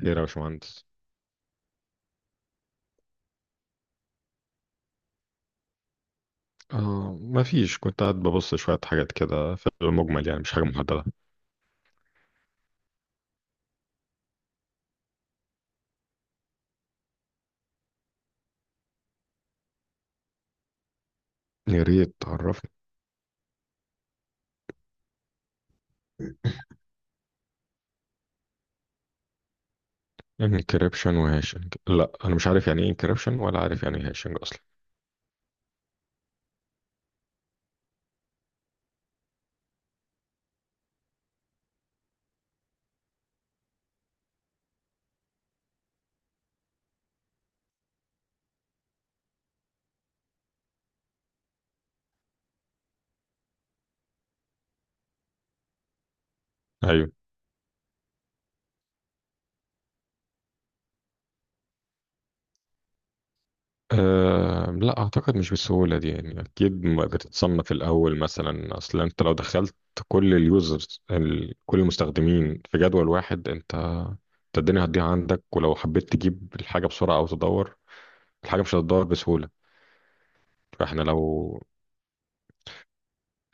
خير يا باشمهندس. آه، ما فيش، كنت قاعد ببص شوية حاجات كده، في المجمل يعني مش حاجة محددة. يا ريت تعرفني. انكريبشن وهاشنج، لا أنا مش عارف يعني ايه انكريبشن، ولا عارف يعني ايه هاشنج أصلا. أيوه. آه، لا أعتقد، مش بالسهولة دي يعني، أكيد ما بتتصنف الأول مثلا. أصلا أنت لو دخلت كل اليوزرز كل المستخدمين في جدول واحد، أنت الدنيا هتضيع عندك، ولو حبيت تجيب الحاجة بسرعة أو تدور الحاجة مش هتدور بسهولة. فاحنا لو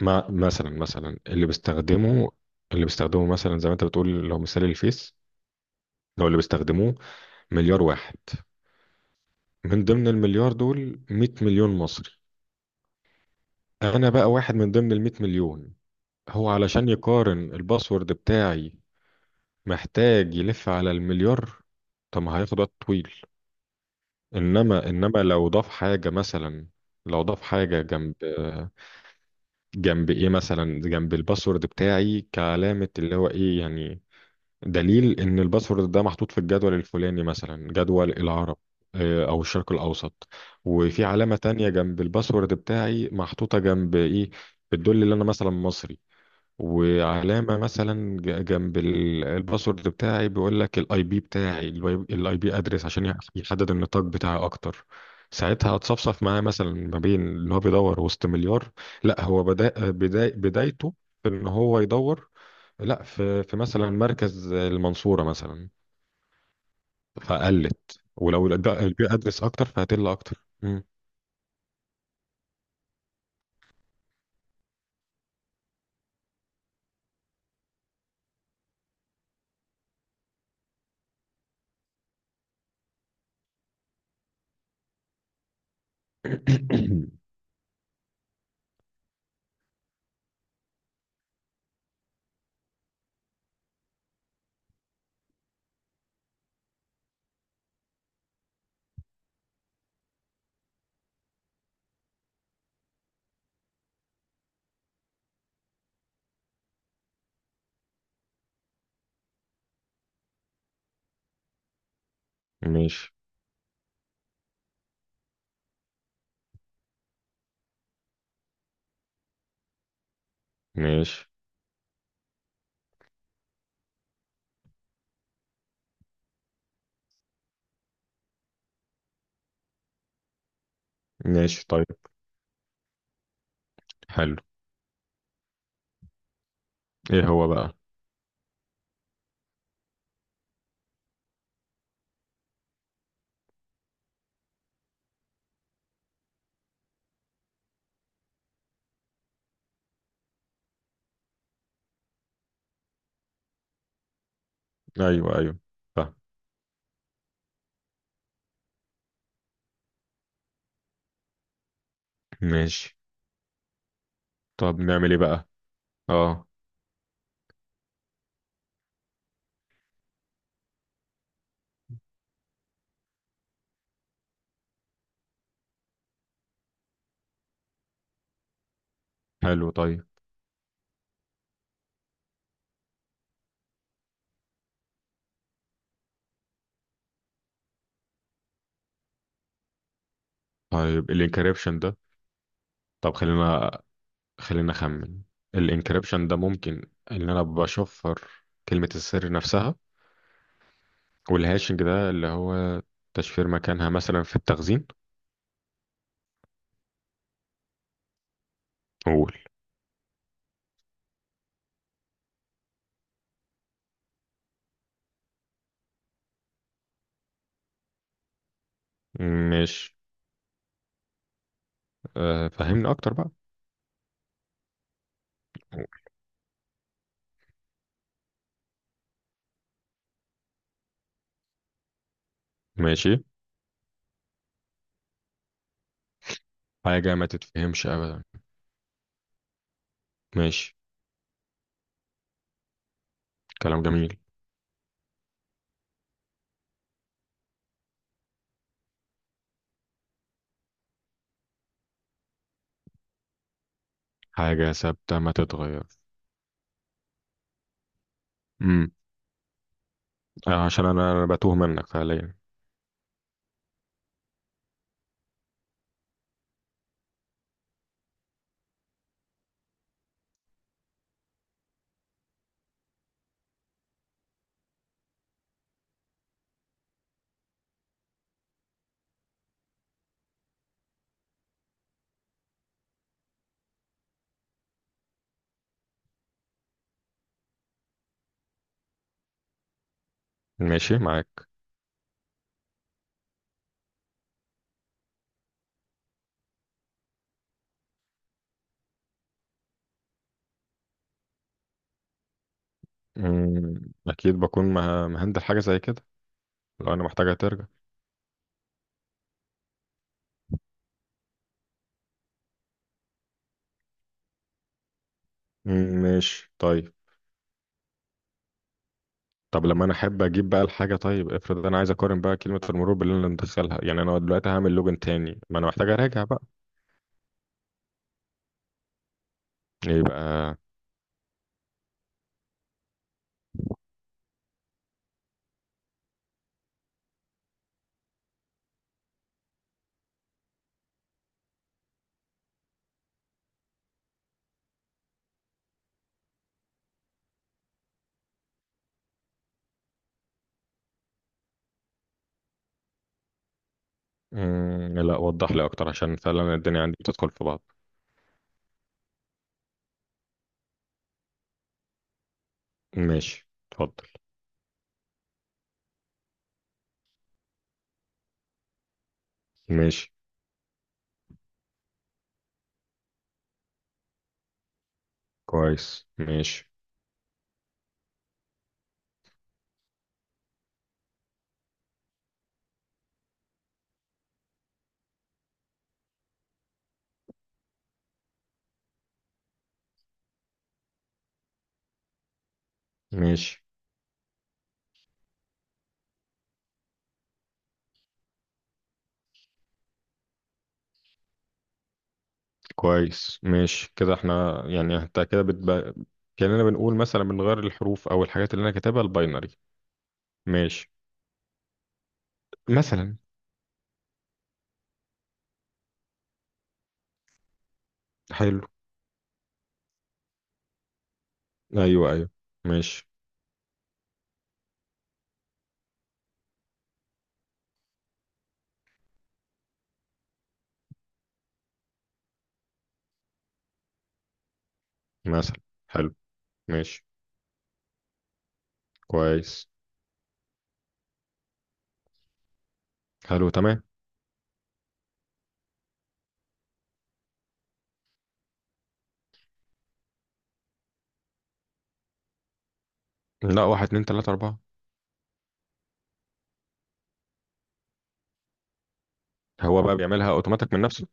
ما مثلا اللي بيستخدمه مثلا، زي ما انت بتقول، لو مثال الفيس، لو اللي بيستخدموه مليار واحد. من ضمن المليار دول 100 مليون مصري، انا بقى واحد من ضمن ال 100 مليون. هو علشان يقارن الباسورد بتاعي محتاج يلف على المليار، طب ما هياخد وقت طويل. انما لو ضاف حاجة جنب ايه مثلا، جنب الباسورد بتاعي كعلامة، اللي هو ايه يعني، دليل ان الباسورد ده محطوط في الجدول الفلاني، مثلا جدول العرب. او الشرق الاوسط. وفي علامة تانية جنب الباسورد بتاعي محطوطة جنب ايه، بتدل ان انا مثلا مصري. وعلامة مثلا جنب الباسورد بتاعي بيقول لك الاي بي بتاعي، الاي بي ادرس عشان يحدد النطاق بتاعي اكتر. ساعتها هتصفصف معاه، مثلا ما بين ان هو بيدور وسط مليار، لا هو بدا بدايته في ان هو يدور، لا في مثلا مركز المنصورة مثلا. فقلت ولو البيئة أدرس أكتر فهتقل أكتر. ماشي. ماشي. ماشي، طيب. حلو. إيه هو بقى؟ أيوه، أيوه. فاهم. ماشي. طب نعمل إيه بقى؟ أه. حلو، طيب. طيب الانكريبشن ده، طب خلينا، خلينا أخمن. الانكريبشن ده ممكن إن أنا بشفر كلمة السر نفسها، والهاشنج ده اللي هو تشفير مكانها مثلا في التخزين. قول. ماشي. آه، فهمني اكتر بقى. ماشي. حاجة ما تتفهمش ابدا. ماشي. كلام جميل. حاجة ثابتة ما تتغير. امم آه، عشان انا بتوه منك فعليا. ماشي معاك. مم. اكيد بكون مهندل حاجة زي كده. لو انا محتاجة ترجع. مم، ماشي طيب. طب لما انا احب اجيب بقى الحاجة، طيب افرض انا عايز اقارن بقى كلمة المرور باللي انا مدخلها، يعني انا دلوقتي هعمل لوجن تاني، ما انا محتاج اراجع بقى. يبقى. لا وضح لي اكتر عشان فعلا الدنيا عندي بتدخل في بعض. ماشي، اتفضل. ماشي. كويس، ماشي. ماشي. كويس ماشي كده احنا يعني انت كده بتبقى كأننا بنقول مثلا بنغير الحروف او الحاجات اللي انا كاتبها الباينري ماشي مثلا. حلو. ايوه، ايوه. ماشي. مثلا. حلو. ماشي. كويس. حلو، تمام. لا، واحد اتنين تلاتة أربعة. هو بقى بيعملها اوتوماتيك من نفسه؟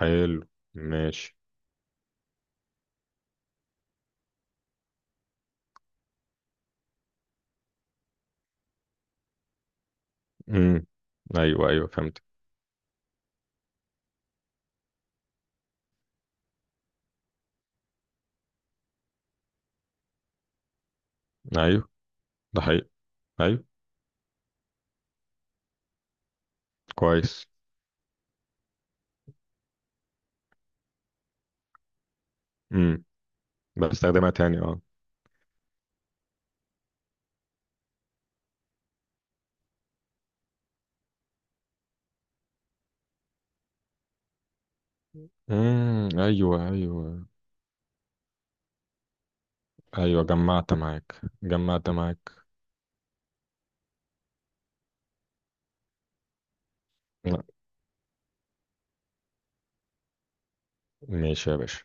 حلو. ماشي. امم. ايوه، ايوه، فهمت. ايوه. ده حقيقي. ايوه. كويس. امم. بستخدمها تاني، اه. امم. ايوه، ايوه. ايوه، جمعت معاك، جمعت معاك. لا. ماشي يا باشا.